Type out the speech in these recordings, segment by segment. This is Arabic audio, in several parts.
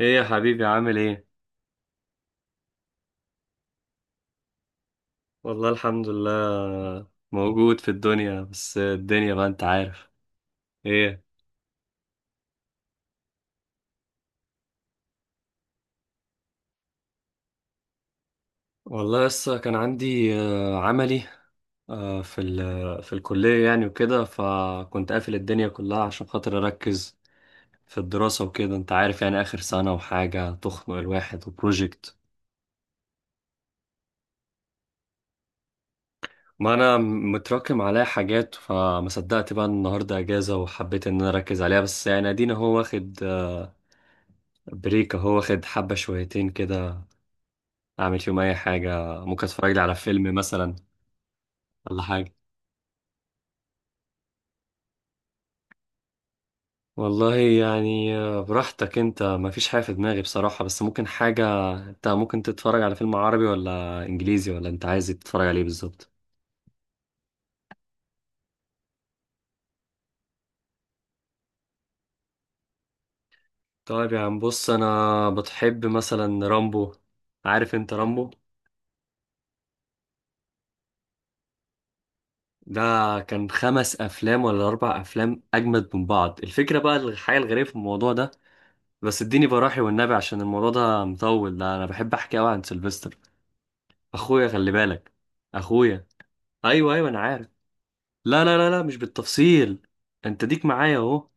ايه يا حبيبي، عامل ايه؟ والله الحمد لله. موجود في الدنيا، بس الدنيا بقى انت عارف. ايه. والله لسه كان عندي عملي. في في الكلية يعني وكده، فكنت قافل الدنيا كلها عشان خاطر اركز في الدراسة وكده، انت عارف يعني، اخر سنة وحاجة تخنق الواحد وبروجكت. ما انا متراكم عليا حاجات، فما صدقت بقى إن النهارده اجازة، وحبيت ان انا اركز عليها. بس يعني ادينا هو واخد بريك، هو واخد حبة شويتين كده اعمل فيهم اي حاجه، ممكن اتفرج لي على فيلم مثلا. ولا حاجه. والله يعني براحتك. انت ما فيش حاجه في دماغي بصراحه، بس ممكن حاجه، انت ممكن تتفرج على فيلم عربي ولا انجليزي، ولا انت عايز تتفرج عليه بالظبط؟ طيب يا عم، بص انا بتحب مثلا رامبو. عارف انت رامبو؟ ده كان 5 افلام ولا 4 افلام، اجمد من بعض. الفكره بقى، الحاجه الغريبه في الموضوع ده، بس اديني براحي والنبي عشان الموضوع ده مطول، ده انا بحب احكي قوي عن سيلفستر. اخويا خلي بالك، اخويا. ايوه ايوه انا عارف. لا لا لا لا، مش بالتفصيل. انت ديك معايا اهو.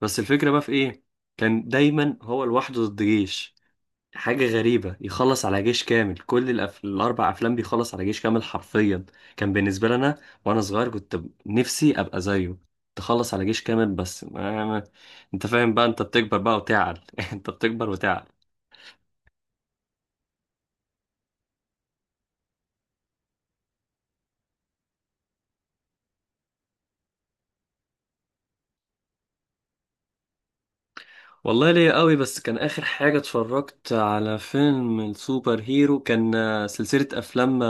بس الفكره بقى في ايه؟ كان دايما هو لوحده ضد جيش. حاجه غريبه، يخلص على جيش كامل. كل الاربع افلام بيخلص على جيش كامل حرفيا. كان بالنسبه لي انا، وانا صغير كنت نفسي ابقى زيه، تخلص على جيش كامل. بس ما... ما... انت فاهم بقى، انت بتكبر بقى وتعقل انت بتكبر وتعقل. والله ليا قوي، بس كان آخر حاجة اتفرجت على فيلم السوبر هيرو، كان سلسلة أفلام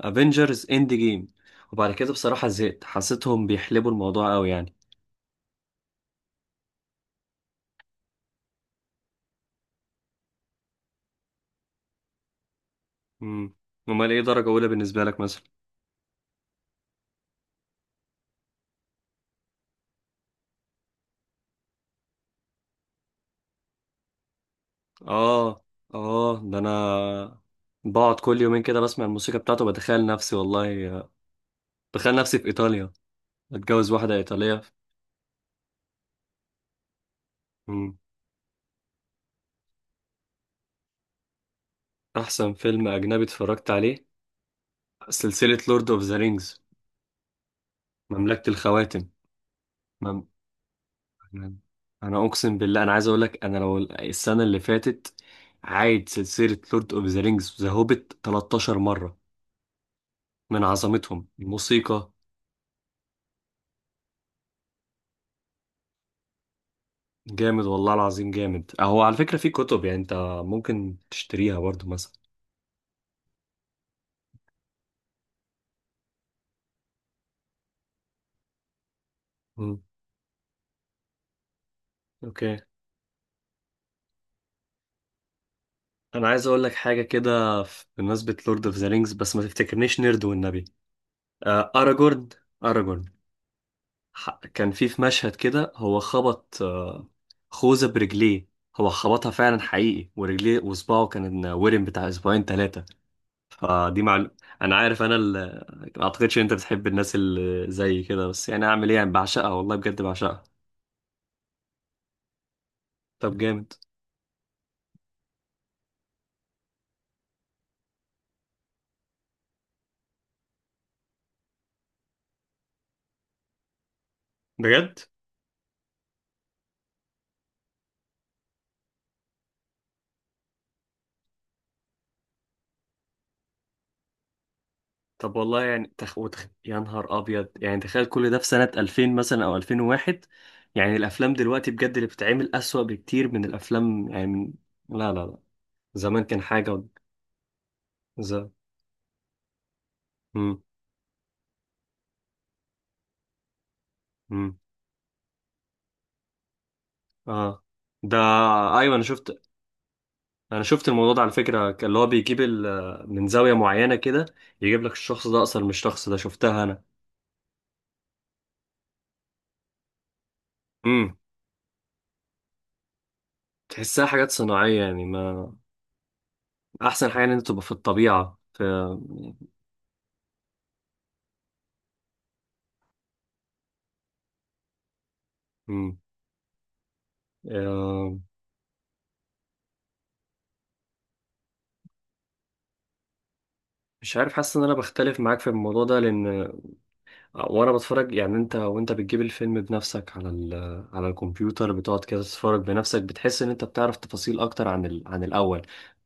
افنجرز اند جيم، وبعد كده بصراحة زهقت، حسيتهم بيحلبوا الموضوع قوي يعني. امم. امال ايه درجة أولى بالنسبة لك مثلا؟ اه، اه، ده أنا بقعد كل يومين كده بسمع الموسيقى بتاعته، بتخيل نفسي والله، بتخيل نفسي في إيطاليا، بتجوز واحدة إيطالية. امم. أحسن فيلم أجنبي اتفرجت عليه سلسلة لورد أوف ذا رينجز، مملكة الخواتم. مم-. تمام. انا اقسم بالله، انا عايز اقول لك، انا لو السنه اللي فاتت عايد سلسله لورد اوف ذا رينجز وذا هوبيت 13 مره، من عظمتهم الموسيقى. جامد والله العظيم، جامد اهو. على فكره في كتب، يعني انت ممكن تشتريها برضو مثلا. مم. اوكي. انا عايز اقول لك حاجه كده، بمناسبه لورد اوف ذا رينجز، بس ما تفتكرنيش نيرد والنبي. اراجورن، اراجورن، كان في مشهد كده، هو خبط خوذة برجليه، هو خبطها فعلا حقيقي ورجليه، وصباعه كان ورم بتاع اسبوعين 3. فدي معلومة. انا عارف، ما اعتقدش ان انت بتحب الناس اللي زي كده، بس يعني اعمل ايه يعني، بعشقها والله، بجد بعشقها. طب جامد، بجد. طب والله يعني، يا نهار ابيض، يعني تخيل كل ده في سنة 2000 مثلا او 2001، يعني الافلام دلوقتي بجد اللي بتتعمل اسوأ بكتير من الافلام، يعني لا لا لا، زمان كان حاجة. ذا. امم. امم. اه. ده. ايوه انا شفت. انا شفت الموضوع ده على فكره، كان اللي هو من زاويه معينه كده، يجيب لك الشخص ده اصلا مش الشخص ده، شفتها انا. امم. تحسها حاجات صناعيه، يعني ما احسن حاجه ان انت تبقى في الطبيعه، في. امم. آه. مش عارف، حاسس ان انا بختلف معاك في الموضوع ده، لان وانا بتفرج يعني، انت وانت بتجيب الفيلم بنفسك على على الكمبيوتر، بتقعد كده تتفرج بنفسك، بتحس ان انت بتعرف تفاصيل اكتر عن عن الاول.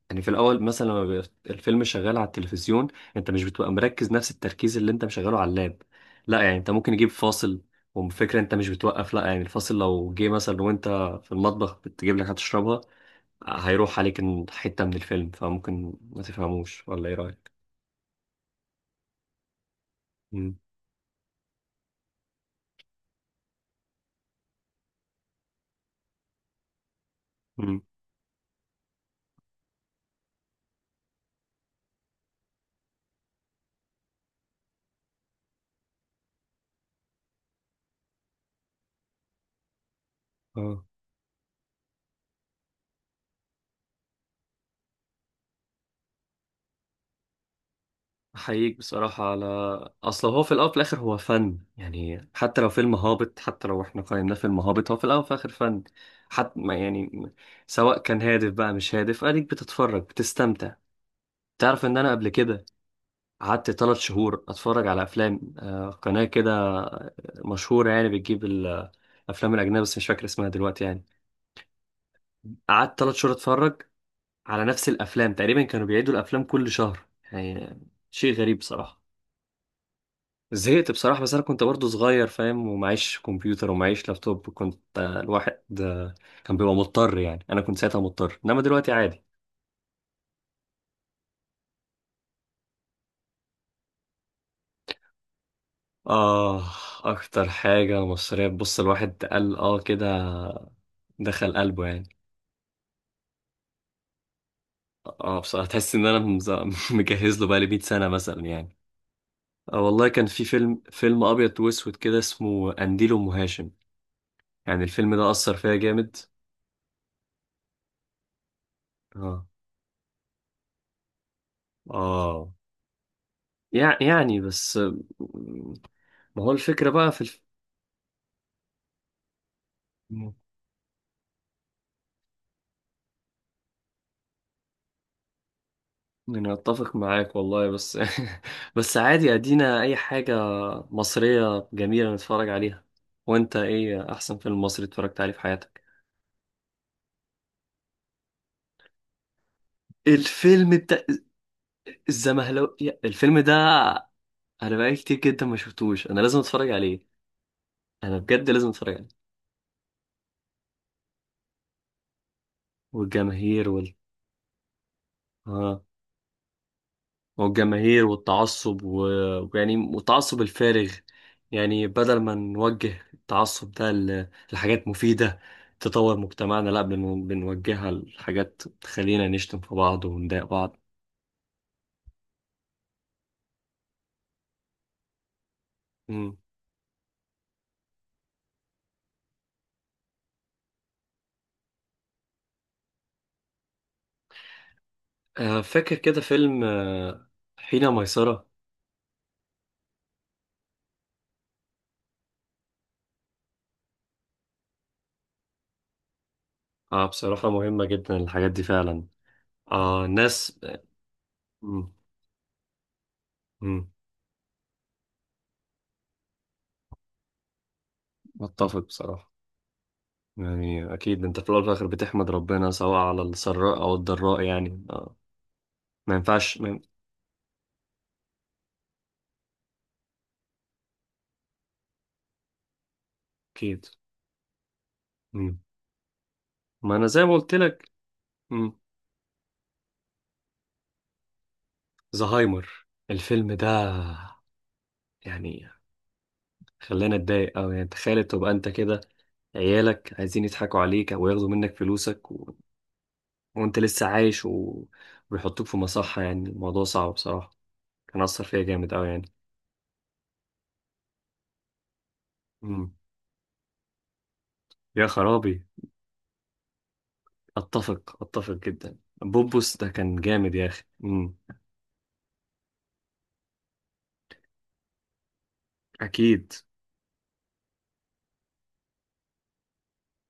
يعني في الاول مثلا لما بيبقى الفيلم شغال على التلفزيون، انت مش بتبقى مركز نفس التركيز اللي انت مشغله على اللاب. لا يعني انت ممكن يجيب فاصل، وفكرة انت مش بتوقف، لا يعني الفاصل لو جه مثلا وانت في المطبخ بتجيب لك هتشربها، هيروح عليك حتة من الفيلم، فممكن ما تفهموش، ولا ايه رأيك؟ مم. مم. اه، أحييك بصراحة، على أصل هو في الأول وفي الآخر هو فن. يعني حتى لو فيلم هابط، حتى لو إحنا قيمناه فيلم هابط، هو في الأول وفي الآخر فن. حتى ما يعني، سواء كان هادف بقى مش هادف، أديك بتتفرج بتستمتع. تعرف إن أنا قبل كده قعدت 3 شهور أتفرج على أفلام، قناة كده مشهورة، يعني بتجيب الأفلام الأجنبية، بس مش فاكر اسمها دلوقتي يعني. قعدت 3 شهور أتفرج على نفس الأفلام تقريبا، كانوا بيعيدوا الأفلام كل شهر، يعني شيء غريب بصراحة. زهقت بصراحة، بس أنا كنت برضو صغير فاهم، ومعيش كمبيوتر ومعيش لابتوب، كنت الواحد كان بيبقى مضطر، يعني أنا كنت ساعتها مضطر، إنما دلوقتي عادي. آه. أكتر حاجة مصرية، بص الواحد قال آه كده، دخل قلبه يعني. آه بصراحة، تحس إن أنا مجهز له بقالي 100 سنة مثلا يعني. آه والله، كان في فيلم أبيض وأسود كده اسمه قنديل أم هاشم، يعني الفيلم ده أثر فيا جامد. آه. آه. يعني بس، ما هو الفكرة بقى في مم. يعني أتفق معاك والله، بس بس عادي. أدينا أي حاجة مصرية جميلة نتفرج عليها. وأنت إيه أحسن فيلم مصري اتفرجت عليه في حياتك؟ الفيلم بتاع الزمهلاوية، الفيلم ده أنا بقالي كتير جدا ما شفتوش، أنا لازم أتفرج عليه. أنا بجد لازم أتفرج عليه. والجماهير وال. آه. والجماهير والتعصب ويعني والتعصب الفارغ، يعني بدل ما نوجه التعصب ده لحاجات مفيدة تطور مجتمعنا، لا بنوجهها لحاجات تخلينا نشتم في بعض ونضايق بعض. مم. فاكر كده فيلم حين ميسرة. آه بصراحة مهمة جدا الحاجات دي فعلا. آه، الناس، آه. مم. مم. متفق بصراحة. يعني أكيد أنت في الأول وفي الآخر بتحمد ربنا سواء على السراء أو الضراء، يعني آه. ما ينفعش. اكيد. مم. ما انا زي ما قلت لك. مم. زهايمر الفيلم ده، يعني خلانا اتضايق أوي. يعني تخيل تبقى انت كده، عيالك عايزين يضحكوا عليك او ياخدوا منك فلوسك و... وانت لسه عايش، و... ويحطوك في مصحة. يعني الموضوع صعب بصراحة، كان اثر فيا جامد أوي يعني. مم. يا خرابي. اتفق اتفق جدا، بوبوس ده كان جامد يا اخي. مم. اكيد.